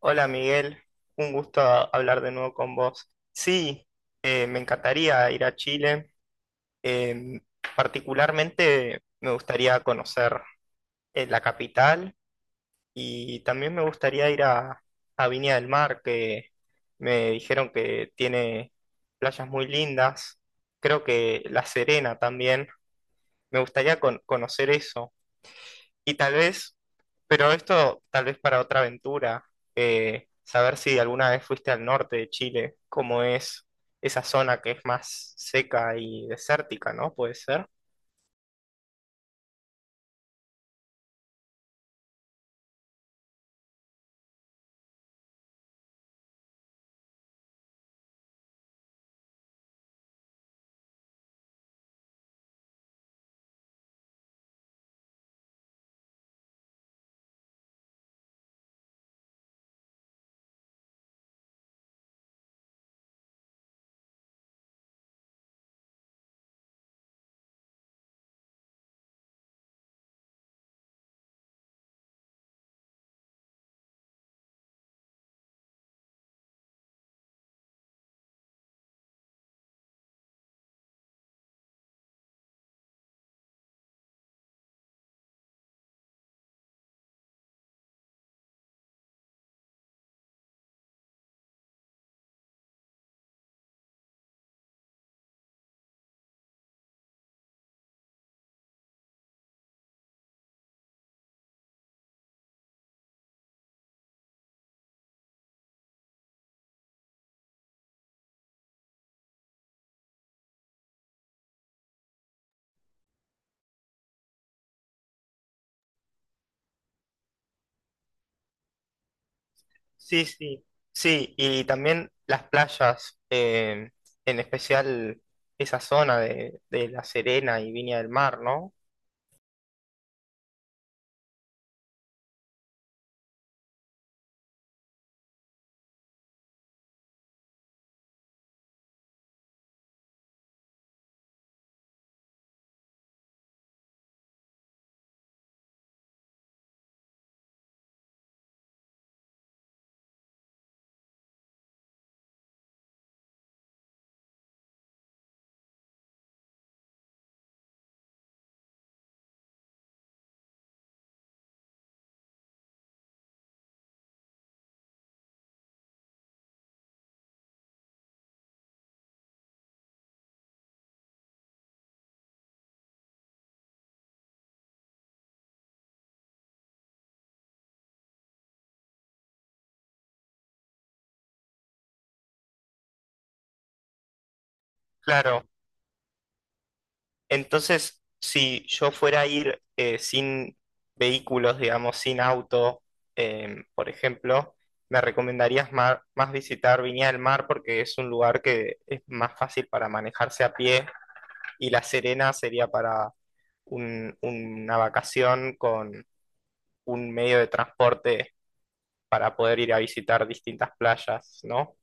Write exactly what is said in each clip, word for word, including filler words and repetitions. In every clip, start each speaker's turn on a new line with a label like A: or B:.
A: Hola Miguel, un gusto hablar de nuevo con vos. Sí, eh, me encantaría ir a Chile. Eh, particularmente me gustaría conocer eh, la capital y también me gustaría ir a, a Viña del Mar, que me dijeron que tiene playas muy lindas. Creo que La Serena también. Me gustaría con- conocer eso. Y tal vez, pero esto tal vez para otra aventura, eh, saber si alguna vez fuiste al norte de Chile, cómo es esa zona que es más seca y desértica, ¿no? Puede ser. Sí, sí. Sí, y también las playas, eh, en especial esa zona de, de La Serena y Viña del Mar, ¿no? Claro, entonces, si yo fuera a ir eh, sin vehículos, digamos, sin auto, em, por ejemplo, me recomendarías ma- más visitar Viña del Mar porque es un lugar que es más fácil para manejarse a pie, y La Serena sería para un- una vacación con un medio de transporte para poder ir a visitar distintas playas, ¿no?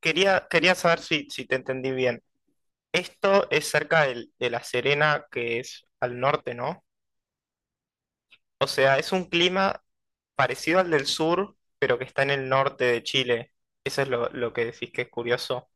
A: Quería, quería saber si, si te entendí bien. Esto es cerca del- de La Serena, que es al norte, ¿no? O sea, es un clima parecido al del sur, pero que está en el norte de Chile. Eso es lo, lo que decís que es curioso.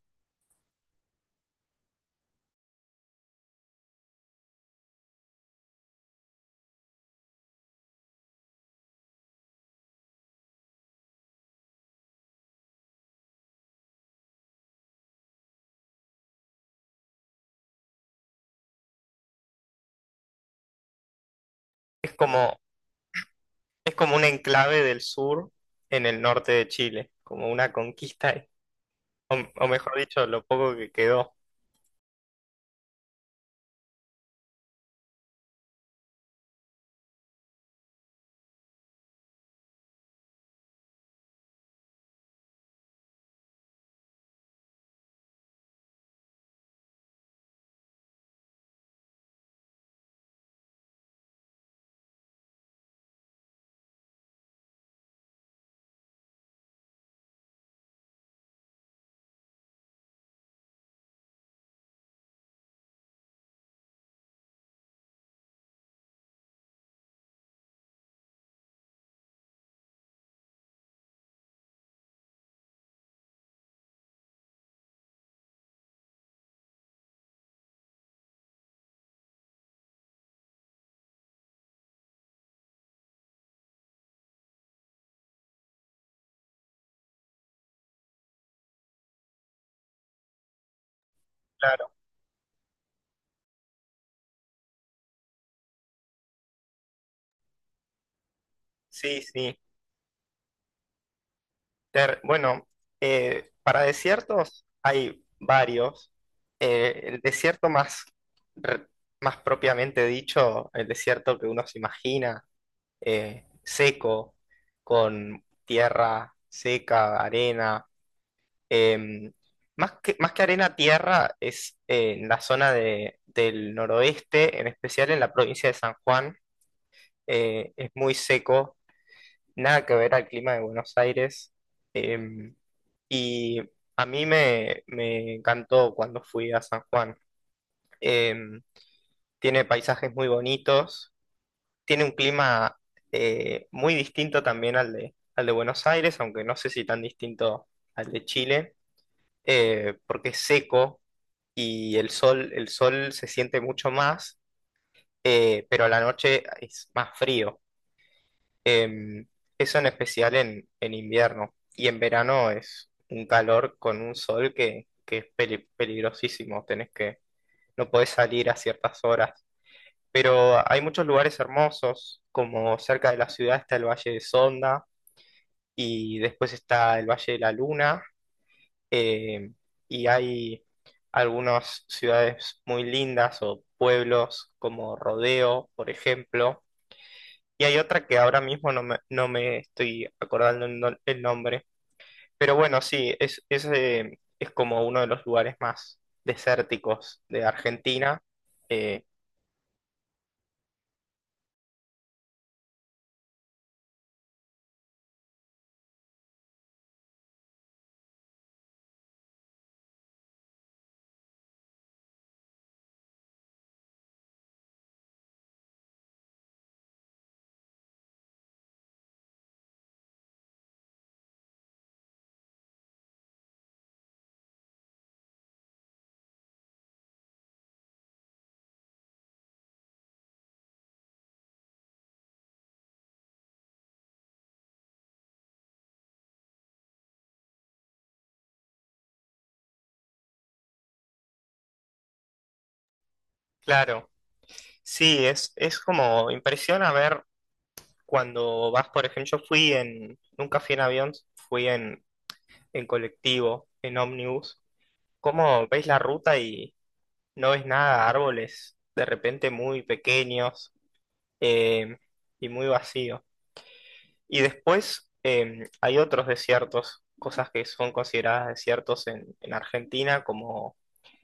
A: Es como, es como un enclave del sur en el norte de Chile, como una conquista, o, o mejor dicho, lo poco que quedó. Claro, sí, sí. Ter- bueno, eh, para desiertos hay varios. Eh, el desierto más, re- más propiamente dicho, el desierto que uno se imagina eh, seco, con tierra seca, arena. Em, más que, más que arena, tierra es eh, en la zona de- del noroeste, en especial en la provincia de San Juan. Eh, es muy seco, nada que ver al clima de Buenos Aires. em, y a mí me, me encantó cuando fui a San Juan. Em, tiene paisajes muy bonitos, tiene un clima eh, muy distinto también al de, al de Buenos Aires, aunque no sé si tan distinto al de Chile, eh, porque es seco y el sol, el sol se siente mucho más, eh, pero a la noche es más frío. Em, eso en especial en, en invierno. Y en verano es un calor con un sol que, que es peli- peligrosísimo. Tenés que, no podés salir a ciertas horas, pero hay muchos lugares hermosos, como cerca de la ciudad está el Valle de Sonda y después está el Valle de la Luna, eh, y hay algunas ciudades muy lindas o pueblos como Rodeo, por ejemplo, y hay otra que ahora mismo no me, no me estoy acordando el, no- el nombre, pero bueno, sí, es, es, eh, es como uno de los lugares más desérticos de Argentina. eh, claro. Sí, es, es como impresiona ver cuando vas, por ejemplo, yo fui en, nunca fui en avión, fui en, en colectivo, en ómnibus. ¿Cómo ves la ruta y no ves nada? Árboles de repente muy pequeños, eh, y muy vacío. Y después eh, hay otros desiertos, cosas que son consideradas desiertos en, en Argentina, como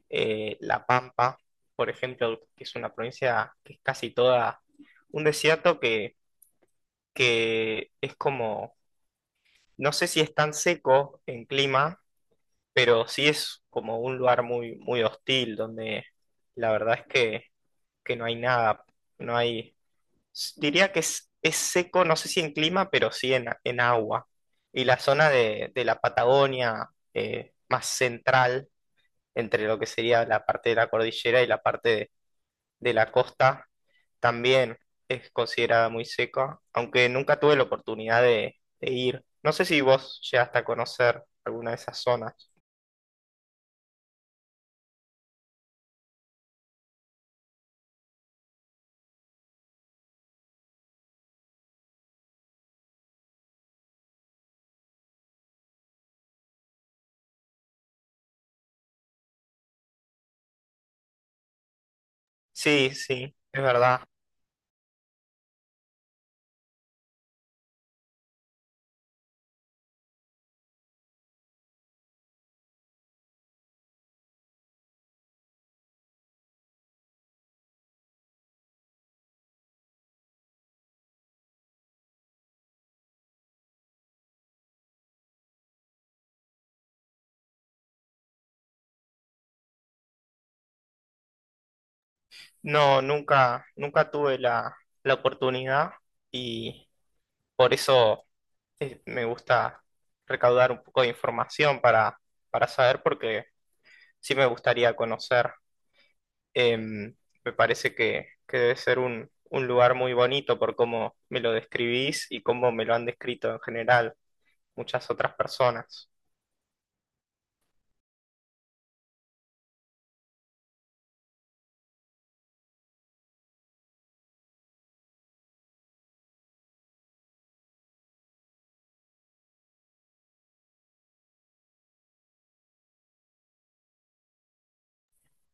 A: eh, La Pampa, por ejemplo, que es una provincia que es casi toda un desierto que, que es como... No sé si es tan seco en clima, pero sí es como un lugar muy, muy hostil, donde la verdad es que, que no hay nada, no hay, s- diría que es, es seco, no sé si en clima, pero sí en, en agua. Y la zona de, de la Patagonia eh, más central, entre lo que sería la parte de la cordillera y la parte de, de la costa, también es considerada muy seca, aunque nunca tuve la oportunidad de, de ir. No sé si vos llegaste a conocer alguna de esas zonas. Sí, sí, es verdad. No, nunca, nunca tuve la, la oportunidad, y por eso eh, me gusta recaudar un poco de información para, para saber, porque sí me gustaría conocer. Em, me parece que, que debe ser un, un lugar muy bonito por cómo me lo describís y cómo me lo han descrito en general muchas otras personas.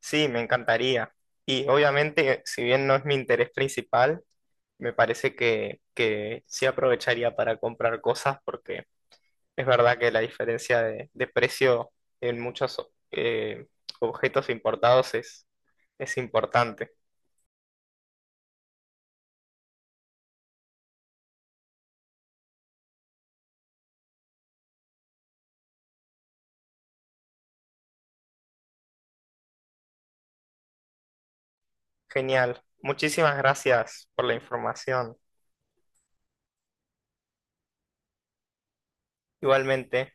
A: Sí, me encantaría. Y obviamente, si bien no es mi interés principal, me parece que, que sí aprovecharía para comprar cosas porque es verdad que la diferencia de, de precio en muchos eh, objetos importados es, es importante. Genial. Muchísimas gracias por la información. Igualmente.